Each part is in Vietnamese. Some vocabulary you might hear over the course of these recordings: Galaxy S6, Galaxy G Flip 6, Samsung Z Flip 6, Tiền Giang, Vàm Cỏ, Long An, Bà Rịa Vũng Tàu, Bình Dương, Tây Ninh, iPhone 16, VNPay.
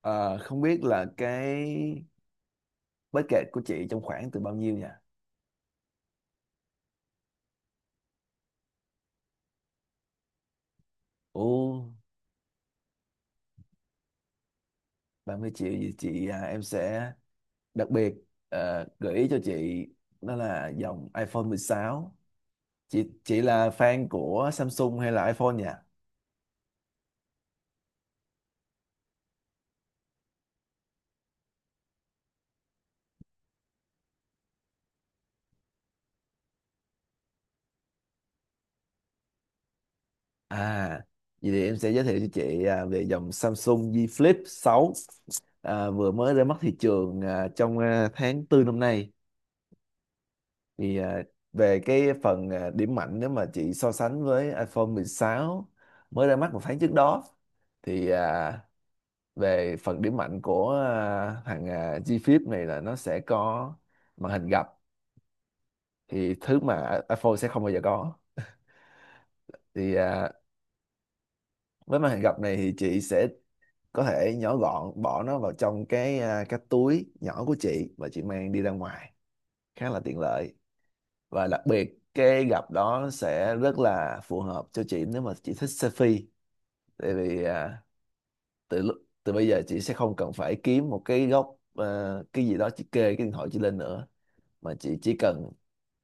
Ờ, không biết là cái budget của chị trong khoảng từ bao nhiêu nhỉ? Ồ, 30 triệu thì em sẽ đặc biệt gợi ý cho chị đó là dòng iPhone 16. Chị là fan của Samsung hay là iPhone nhỉ? À, Vậy thì em sẽ giới thiệu cho chị về dòng Samsung Z Flip 6, vừa mới ra mắt thị trường trong tháng tư năm nay. Thì về cái phần, điểm mạnh nếu mà chị so sánh với iPhone 16 mới ra mắt một tháng trước đó, thì về phần điểm mạnh của thằng G Flip này là nó sẽ có màn hình gập, thì thứ mà iPhone sẽ không bao giờ có. Thì với màn hình gập này thì chị sẽ có thể nhỏ gọn bỏ nó vào trong cái, cái túi nhỏ của chị và chị mang đi ra ngoài khá là tiện lợi. Và đặc biệt cái gặp đó sẽ rất là phù hợp cho chị nếu mà chị thích selfie, tại vì từ lúc từ bây giờ chị sẽ không cần phải kiếm một cái góc, cái gì đó chị kê cái điện thoại chị lên nữa, mà chị chỉ cần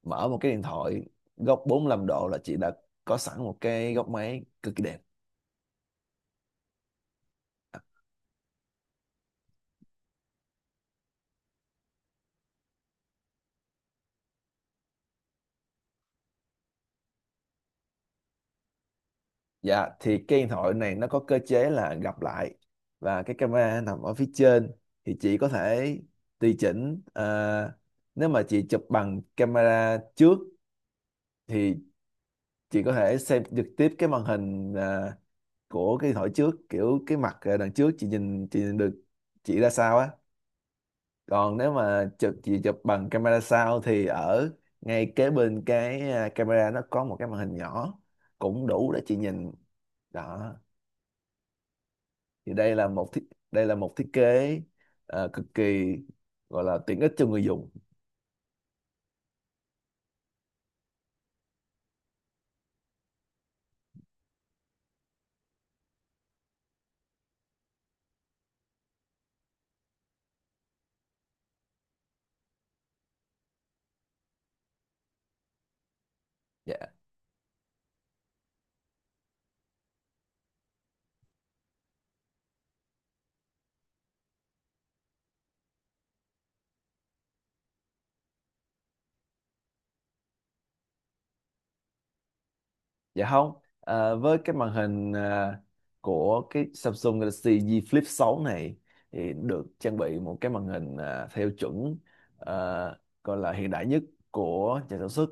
mở một cái điện thoại góc 45 độ là chị đã có sẵn một cái góc máy cực kỳ đẹp. Dạ, thì cái điện thoại này nó có cơ chế là gặp lại và cái camera nằm ở phía trên. Thì chị có thể tùy chỉnh, nếu mà chị chụp bằng camera trước thì chị có thể xem trực tiếp cái màn hình của cái điện thoại trước, kiểu cái mặt đằng trước chị nhìn được chị ra sao á. Còn nếu mà chị chụp bằng camera sau thì ở ngay kế bên cái, camera nó có một cái màn hình nhỏ cũng đủ để chị nhìn đó. Thì đây là một thiết kế cực kỳ, gọi là tiện ích cho người dùng. Dạ. Dạ không. Với cái màn hình, của cái Samsung Galaxy Z Flip 6 này thì được trang bị một cái màn hình, theo chuẩn, ờ, gọi là hiện đại nhất của nhà sản xuất.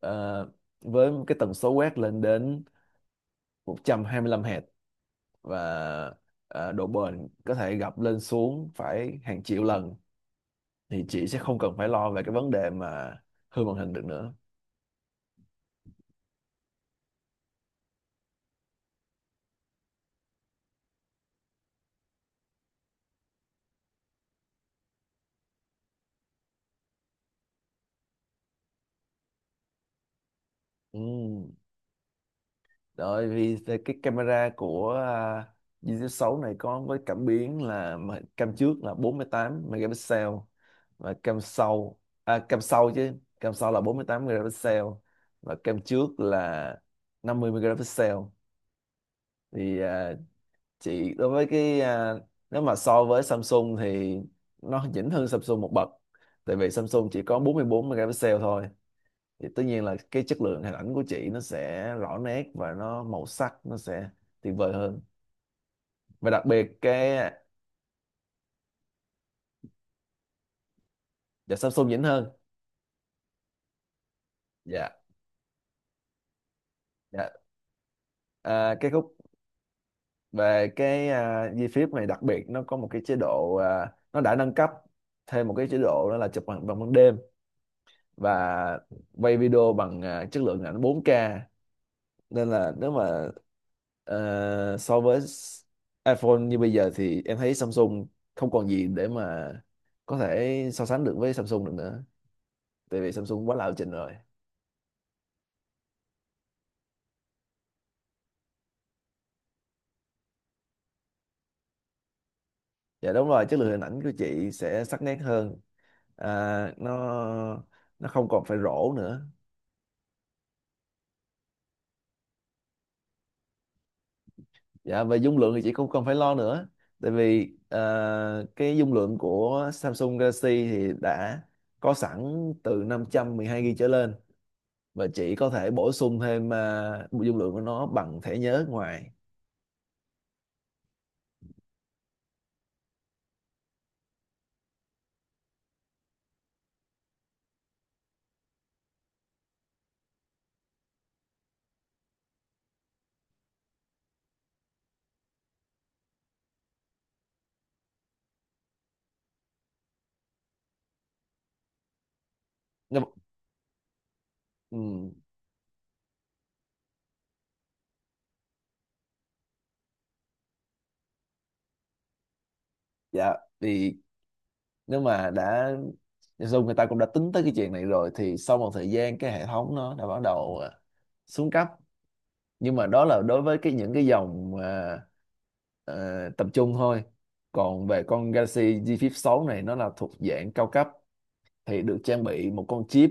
Ờ, với cái tần số quét lên đến 125 Hz và độ bền có thể gập lên xuống phải hàng triệu lần, thì chị sẽ không cần phải lo về cái vấn đề mà hư màn hình được nữa. Ừ. Rồi, vì cái camera của Galaxy S6 này có với cảm biến cam trước là 48 megapixel và cam sau, cam sau chứ, cam sau là 48 megapixel và cam trước là 50 megapixel. Thì chị, đối với cái, nếu mà so với Samsung thì nó nhỉnh hơn Samsung một bậc, tại vì Samsung chỉ có 44 megapixel thôi. Thì tất nhiên là cái chất lượng hình ảnh của chị nó sẽ rõ nét và nó màu sắc nó sẽ tuyệt vời hơn. Và đặc biệt cái Dạ, Samsung nhỉnh hơn. Dạ. Dạ, cái khúc về cái, di phím này đặc biệt nó có một cái chế độ, nó đã nâng cấp thêm một cái chế độ đó là chụp bằng bằng ban đêm, và quay video bằng chất lượng ảnh 4K. Nên là nếu mà so với iPhone như bây giờ thì em thấy Samsung không còn gì để mà có thể so sánh được với Samsung được nữa, tại vì Samsung quá là lập trình rồi. Dạ đúng rồi, chất lượng hình ảnh của chị sẽ sắc nét hơn. À, nó nó không còn phải rổ nữa. Dạ, về dung lượng thì chị cũng không phải lo nữa, tại vì cái dung lượng của Samsung Galaxy thì đã có sẵn từ 512 GB trở lên, và chỉ có thể bổ sung thêm dung lượng của nó bằng thẻ nhớ ngoài. Nếu- ừm, dạ, vì nếu mà đã dùng, người ta cũng đã tính tới cái chuyện này rồi, thì sau một thời gian cái hệ thống nó đã bắt đầu xuống cấp, nhưng mà đó là đối với cái những cái dòng, ờ, tập trung thôi. Còn về con Galaxy G Flip 6 này nó là thuộc dạng cao cấp, thì được trang bị một con chip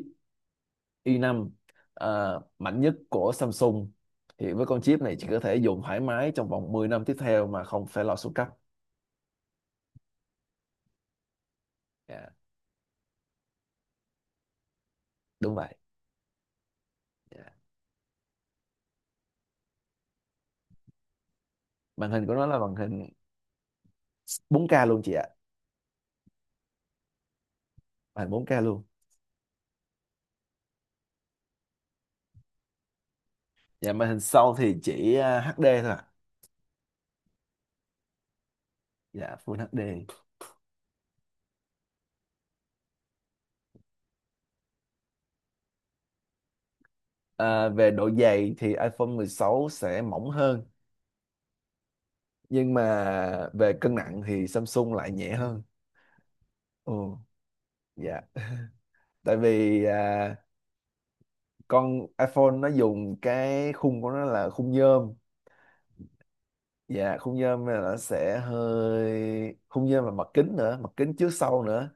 i5, mạnh nhất của Samsung. Thì với con chip này chị có thể dùng thoải mái trong vòng 10 năm tiếp theo mà không phải lo xuống cấp. Dạ đúng vậy. Dạ, màn hình của nó là màn hình 4K luôn, chị ạ. Màn hình 4K luôn. Dạ, màn hình sau thì chỉ HD thôi ạ. Dạ, Full HD. Về độ dày thì iPhone 16 sẽ mỏng hơn, nhưng mà về cân nặng thì Samsung lại nhẹ hơn. Ồ. Dạ. Tại vì con iPhone nó dùng cái khung của nó là khung nhôm. Dạ, khung nhôm là nó sẽ hơi khung nhôm và mặt kính nữa, mặt kính trước sau nữa,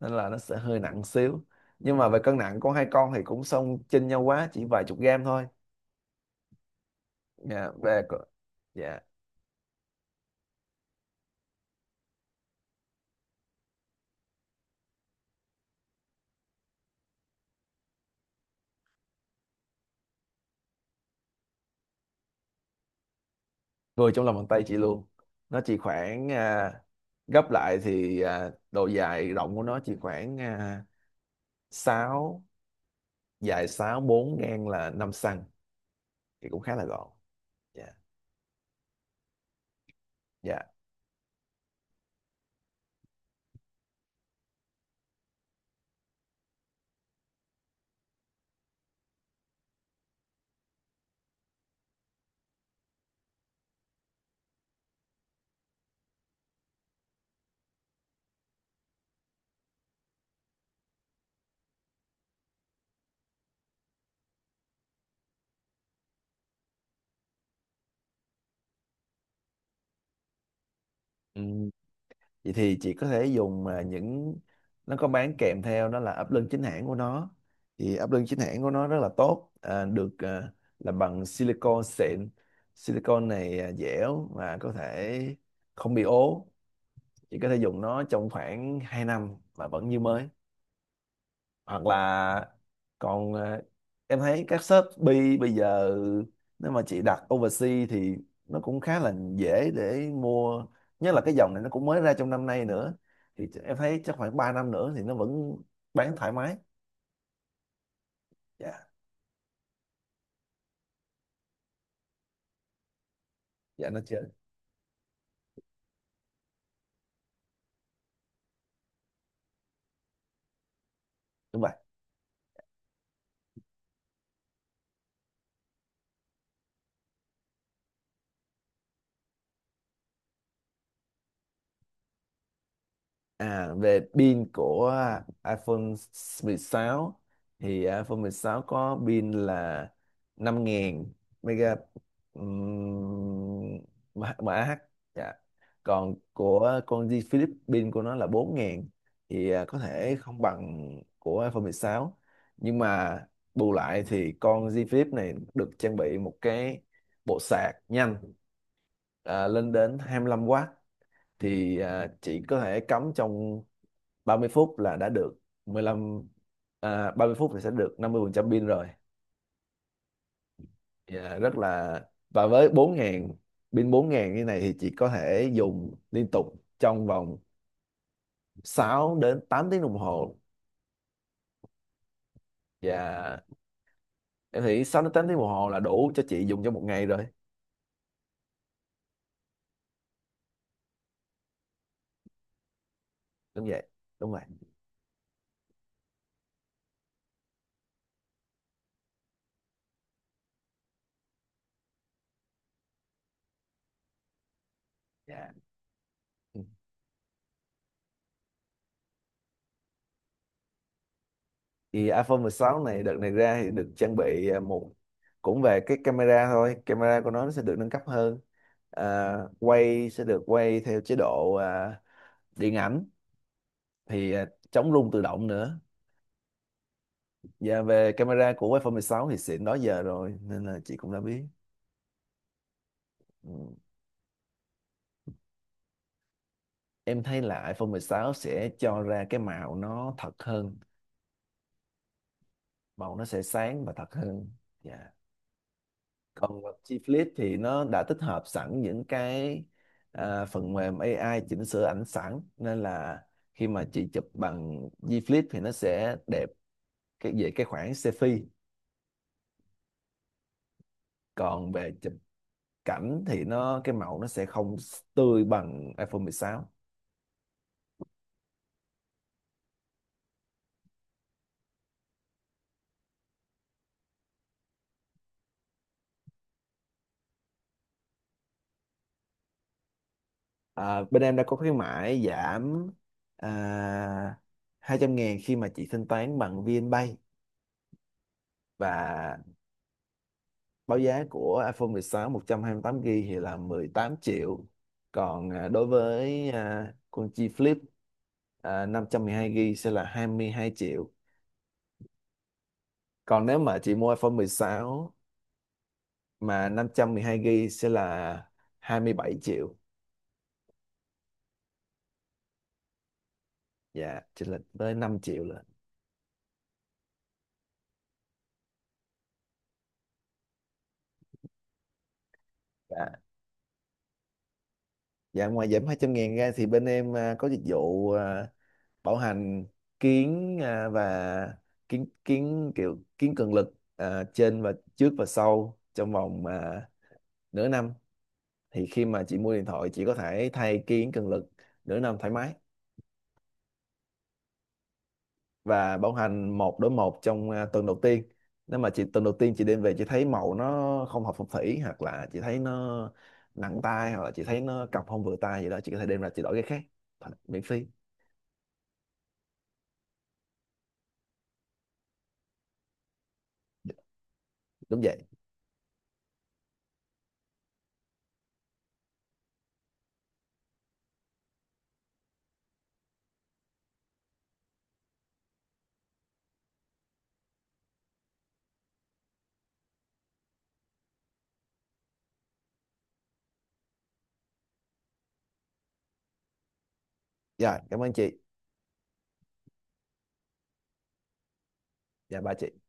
nên là nó sẽ hơi nặng xíu. Nhưng mà về cân nặng con, hai con thì cũng không chênh nhau quá, chỉ vài chục gram thôi. Dạ, về Dạ, vừa trong lòng bàn tay chị luôn. Nó chỉ khoảng, gấp lại thì độ dài rộng của nó chỉ khoảng 6, dài 6 bốn, ngang là 5 xăng, thì cũng khá là gọn. Dạ. Dạ, vậy thì chị có thể dùng, mà những nó có bán kèm theo đó là ấp lưng chính hãng của nó. Thì ấp lưng chính hãng của nó rất là tốt, được làm bằng silicon xịn. Silicon này dẻo và có thể không bị ố. Chị có thể dùng nó trong khoảng 2 năm mà vẫn như mới. Hoặc là, còn em thấy các Shopee bây giờ, nếu mà chị đặt overseas thì nó cũng khá là dễ để mua, nhất là cái dòng này nó cũng mới ra trong năm nay nữa. Thì em thấy chắc khoảng 3 năm nữa thì nó vẫn bán thoải mái. Dạ. Dạ, nó chưa. Đúng vậy. À, về pin của iPhone 16, thì iPhone 16 có pin là 5000 mega, um, mAh. Dạ. Còn của con G Flip, pin của nó là 4000, thì có thể không bằng của iPhone 16, nhưng mà bù lại thì con G Flip này được trang bị một cái bộ sạc nhanh, lên đến 25W. Thì chỉ có thể cắm trong 30 phút là đã được 15 30 phút thì sẽ được 50% pin rồi. Dạ, rất là và với 4000, pin 4000 như này thì chị có thể dùng liên tục trong vòng 6 đến 8 tiếng đồng hồ, và em nghĩ 6 đến 8 tiếng đồng hồ là đủ cho chị dùng trong một ngày rồi. Đúng vậy. Đúng rồi. Dạ. Ừ. Thì iPhone 16 này đợt này ra thì được trang bị, à, một cũng về cái camera thôi, camera của nó sẽ được nâng cấp hơn, à, quay sẽ được quay theo chế độ, điện ảnh, thì chống rung tự động nữa. Và về camera của iPhone 16 thì xịn đó giờ rồi, nên là chị cũng đã biết. Ừ. Em thấy là iPhone 16 sẽ cho ra cái màu nó thật hơn. Màu nó sẽ sáng và thật hơn. Dạ. Còn G Flip thì nó đã tích hợp sẵn những cái, phần mềm AI chỉnh sửa ảnh sẵn, nên là khi mà chị chụp bằng G Flip thì nó sẽ đẹp cái về cái khoảng selfie. Còn về chụp cảnh thì nó, cái màu nó sẽ không tươi bằng iPhone 16. Bên em đã có khuyến mãi giảm, à, 200.000 khi mà chị thanh toán bằng VNPay. Và báo giá của iPhone 16 128 GB thì là 18 triệu. Còn đối với con chi Flip, 512 GB sẽ là 22 triệu. Còn nếu mà chị mua iPhone 16 mà 512 GB sẽ là 27 triệu. Dạ, chênh lệch tới 5 triệu lận. Dạ. Dạ, ngoài giảm 200.000 ra thì bên em có dịch vụ, bảo hành kiến à, và kiến cường lực trên và trước và sau trong vòng nửa năm. Thì khi mà chị mua điện thoại chị có thể thay kiến cường lực nửa năm thoải mái. Và bảo hành một đối một trong tuần đầu tiên. Nếu mà chị tuần đầu tiên chị đem về chị thấy màu nó không hợp phong thủy, hoặc là chị thấy nó nặng tay, hoặc là chị thấy nó cọc không vừa tay gì đó, chị có thể đem ra chị đổi cái khác miễn phí. Đúng vậy. Dạ, cảm ơn chị. Dạ, ba chị.